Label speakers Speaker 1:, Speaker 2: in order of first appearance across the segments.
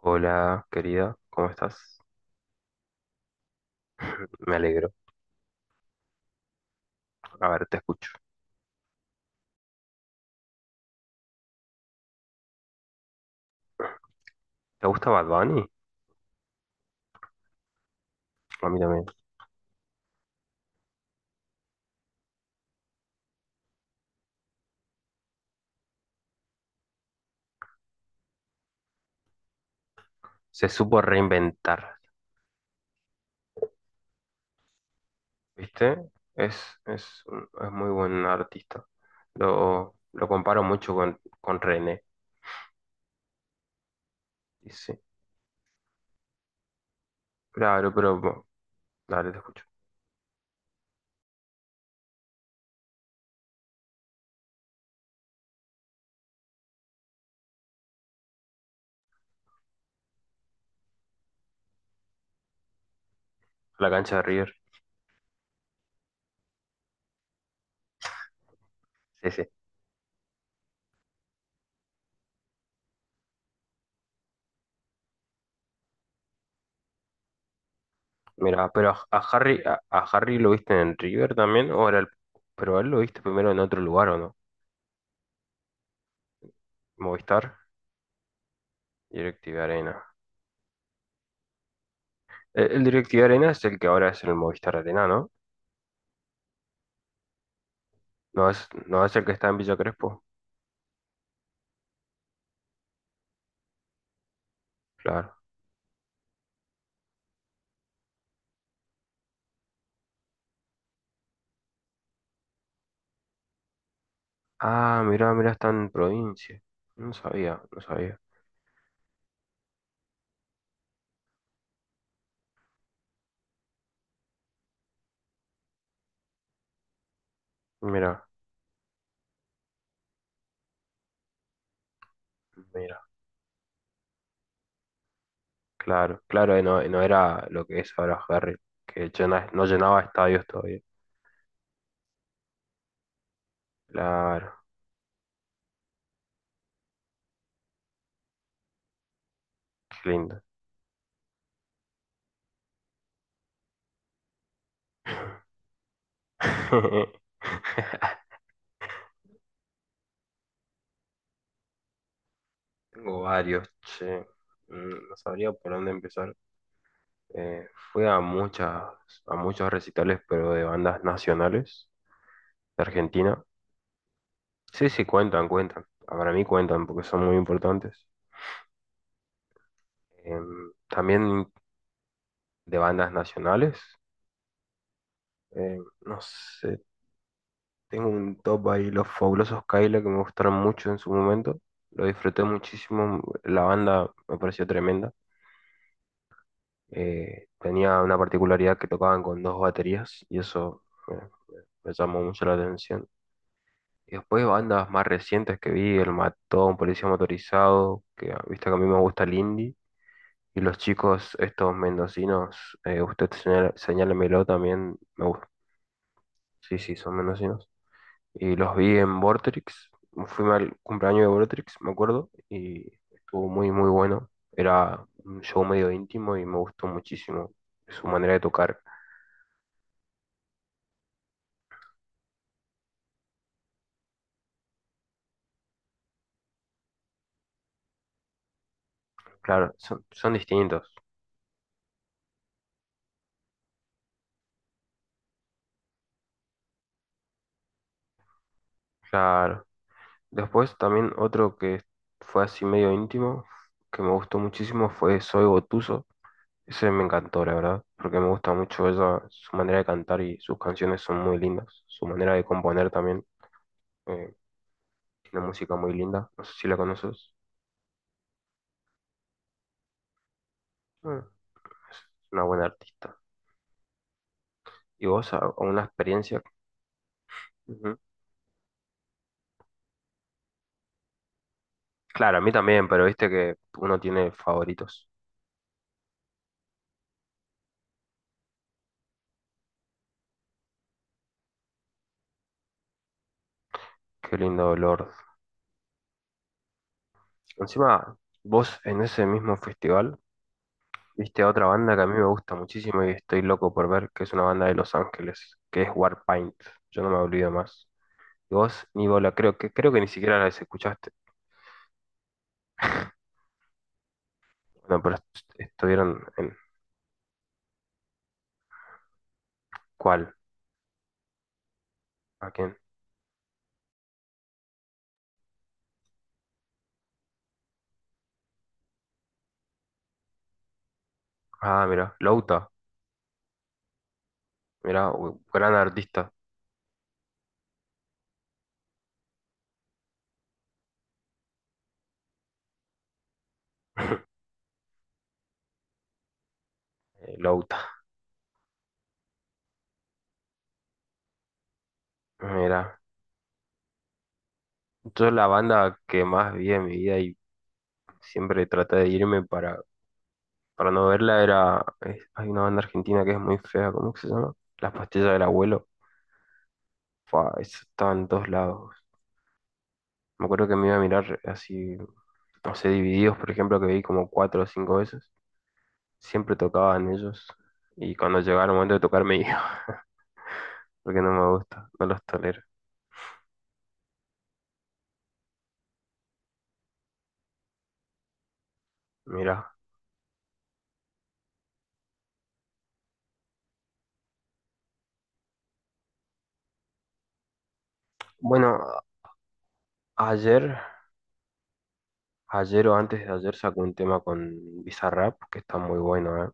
Speaker 1: Hola, querida, ¿cómo estás? Me alegro. A ver, te escucho. ¿Te gusta Bad Bunny? A mí también. Se supo reinventar, ¿viste? Es muy buen artista. Lo comparo mucho con René. Y sí, claro, pero bueno, dale, te escucho. La cancha de River. Sí, sí. Mira, pero a Harry, a Harry lo viste en River también, pero a él lo viste primero en otro lugar, ¿o no? Movistar, Directv Arena. El Directiva Arena es el que ahora es el Movistar Arena, ¿no? No es el que está en Villa Crespo, claro. Ah, mira, mira, está en provincia. No sabía, no sabía. Mira, mira, claro, claro, no, no era lo que es ahora Ferry, no llenaba estadios todavía. Claro, qué lindo. Tengo varios, che. No sabría por dónde empezar. Eh, fui a muchas, a muchos recitales, pero de bandas nacionales de Argentina. Sí, sí, cuentan, cuentan. Para mí cuentan porque son muy importantes. Em, también de bandas nacionales. No sé, tengo un top ahí, Los Fabulosos Kaila, que me gustaron mucho en su momento. Lo disfruté muchísimo, la banda me pareció tremenda. Tenía una particularidad que tocaban con dos baterías y eso eh, me llamó mucho la atención. Y después bandas más recientes que vi, El Matón, Policía Motorizado, que ah, viste que a mí me gusta el indie. Y los chicos, estos mendocinos, señálemelo también, sí, sí, son mendocinos. Y los vi en Vortrix. Fui al cumpleaños de Vortrix, me acuerdo, y estuvo muy, muy bueno. Era un show medio íntimo y me gustó muchísimo su manera de tocar. Claro, son, son distintos. Claro. Después también otro que fue así medio íntimo, que me gustó muchísimo, fue Soy Gotuso. Ese me encantó, la verdad, porque me gusta mucho ella, su manera de cantar y sus canciones son muy lindas. Su manera de componer también. Eh, Tiene música muy linda, no sé si la conoces. Mm, Es una buena artista. ¿Y vos, alguna experiencia? Ujú. Claro, a mí también, pero viste que uno tiene favoritos. Qué lindo Lord. Encima, vos en ese mismo festival viste a otra banda que a mí me gusta muchísimo y estoy loco por ver, que es una banda de Los Ángeles, que es Warpaint. Yo no me olvido más. Y vos, ni bola, creo que ni siquiera las escuchaste. Bueno, pero estuvieron en... ¿Cuál? ¿A quién? Ah, mira, Louta. Mira, gran artista, Louta. Mira, yo la banda que más vi en mi vida y siempre traté de irme para no verla era, hay una banda argentina que es muy fea, ¿cómo que se llama? Las pastillas del abuelo. Fua, eso estaba en todos lados. Me acuerdo que me iba a mirar así, no sé, Divididos, por ejemplo, que vi como cuatro o cinco veces. Siempre tocaban ellos y cuando llegaba el momento de tocar me iba, porque no me gusta, no los tolero. Mira, bueno, ayer... Ayer o antes de ayer sacó un tema con Bizarrap que está muy bueno, ¿eh?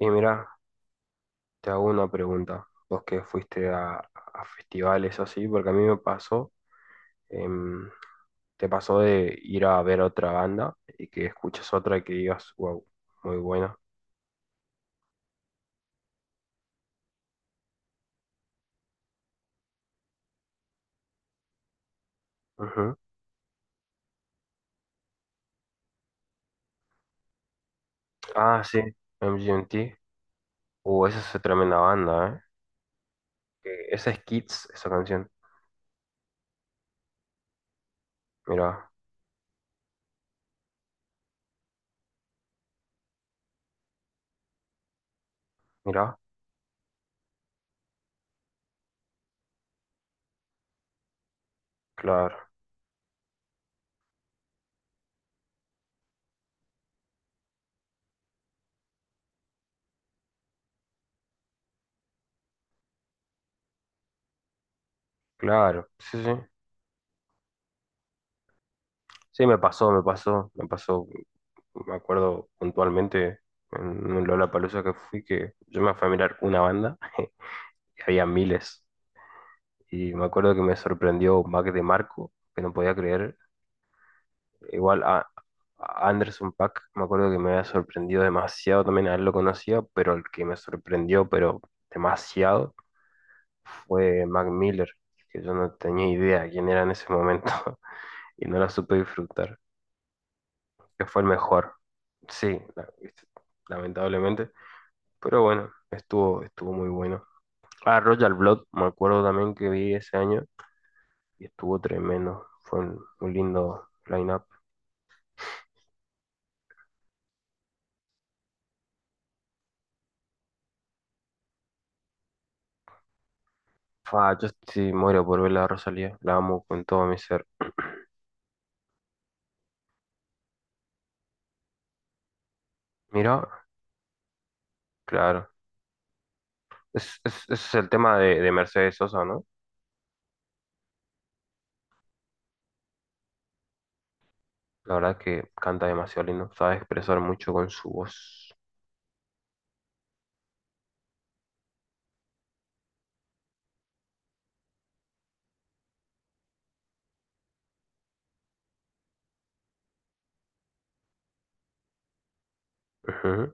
Speaker 1: Y mira, te hago una pregunta. Vos que fuiste a festivales así, porque a mí me pasó, em, te pasó de ir a ver otra banda y que escuches otra y que digas, wow, muy buena. Ujú. Ah, sí, MGMT. Esa es tremenda banda, ¿eh? Esa es Kids, esa canción. Mira, mira, claro, claro, sí, sí. Sí, me pasó, me pasó, me pasó. Me acuerdo puntualmente en un Lollapalooza que fui que yo me fui a mirar una banda y había miles. Y me acuerdo que me sorprendió Mac de Marco, que no podía creer. Igual a Anderson Paak, me acuerdo que me había sorprendido demasiado también, a él lo conocía, pero el que me sorprendió, pero demasiado, fue Mac Miller, que yo no tenía idea quién era en ese momento y no la supe disfrutar, que fue el mejor. Sí, lamentablemente. Pero bueno, estuvo, estuvo muy bueno. Ah, Royal Blood, me acuerdo también que vi ese año y estuvo tremendo. Fue un lindo line-up. Fa, yo sí muero por ver la Rosalía, la amo con todo mi ser. Mira, claro. Ese es el tema de Mercedes Sosa, ¿no? La verdad que canta demasiado lindo, sabe expresar mucho con su voz. Ujú.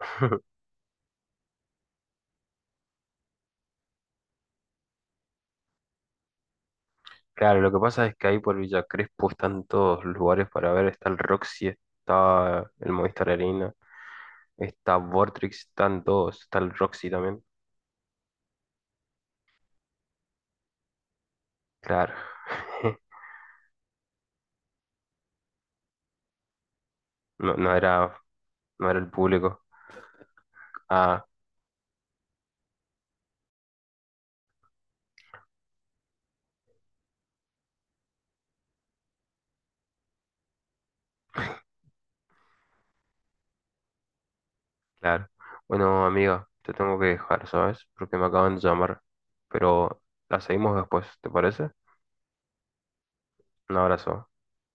Speaker 1: Claro, lo que pasa es que ahí por Villa Crespo están todos los lugares para ver, está el Roxy, está el Movistar Arena, está Vortrix, están todos, está el Roxy también. Claro. No, no era, no era el público. Ah, claro. Bueno, amiga, te tengo que dejar, ¿sabes? Porque me acaban de llamar. Pero la seguimos después, ¿te parece? Un abrazo.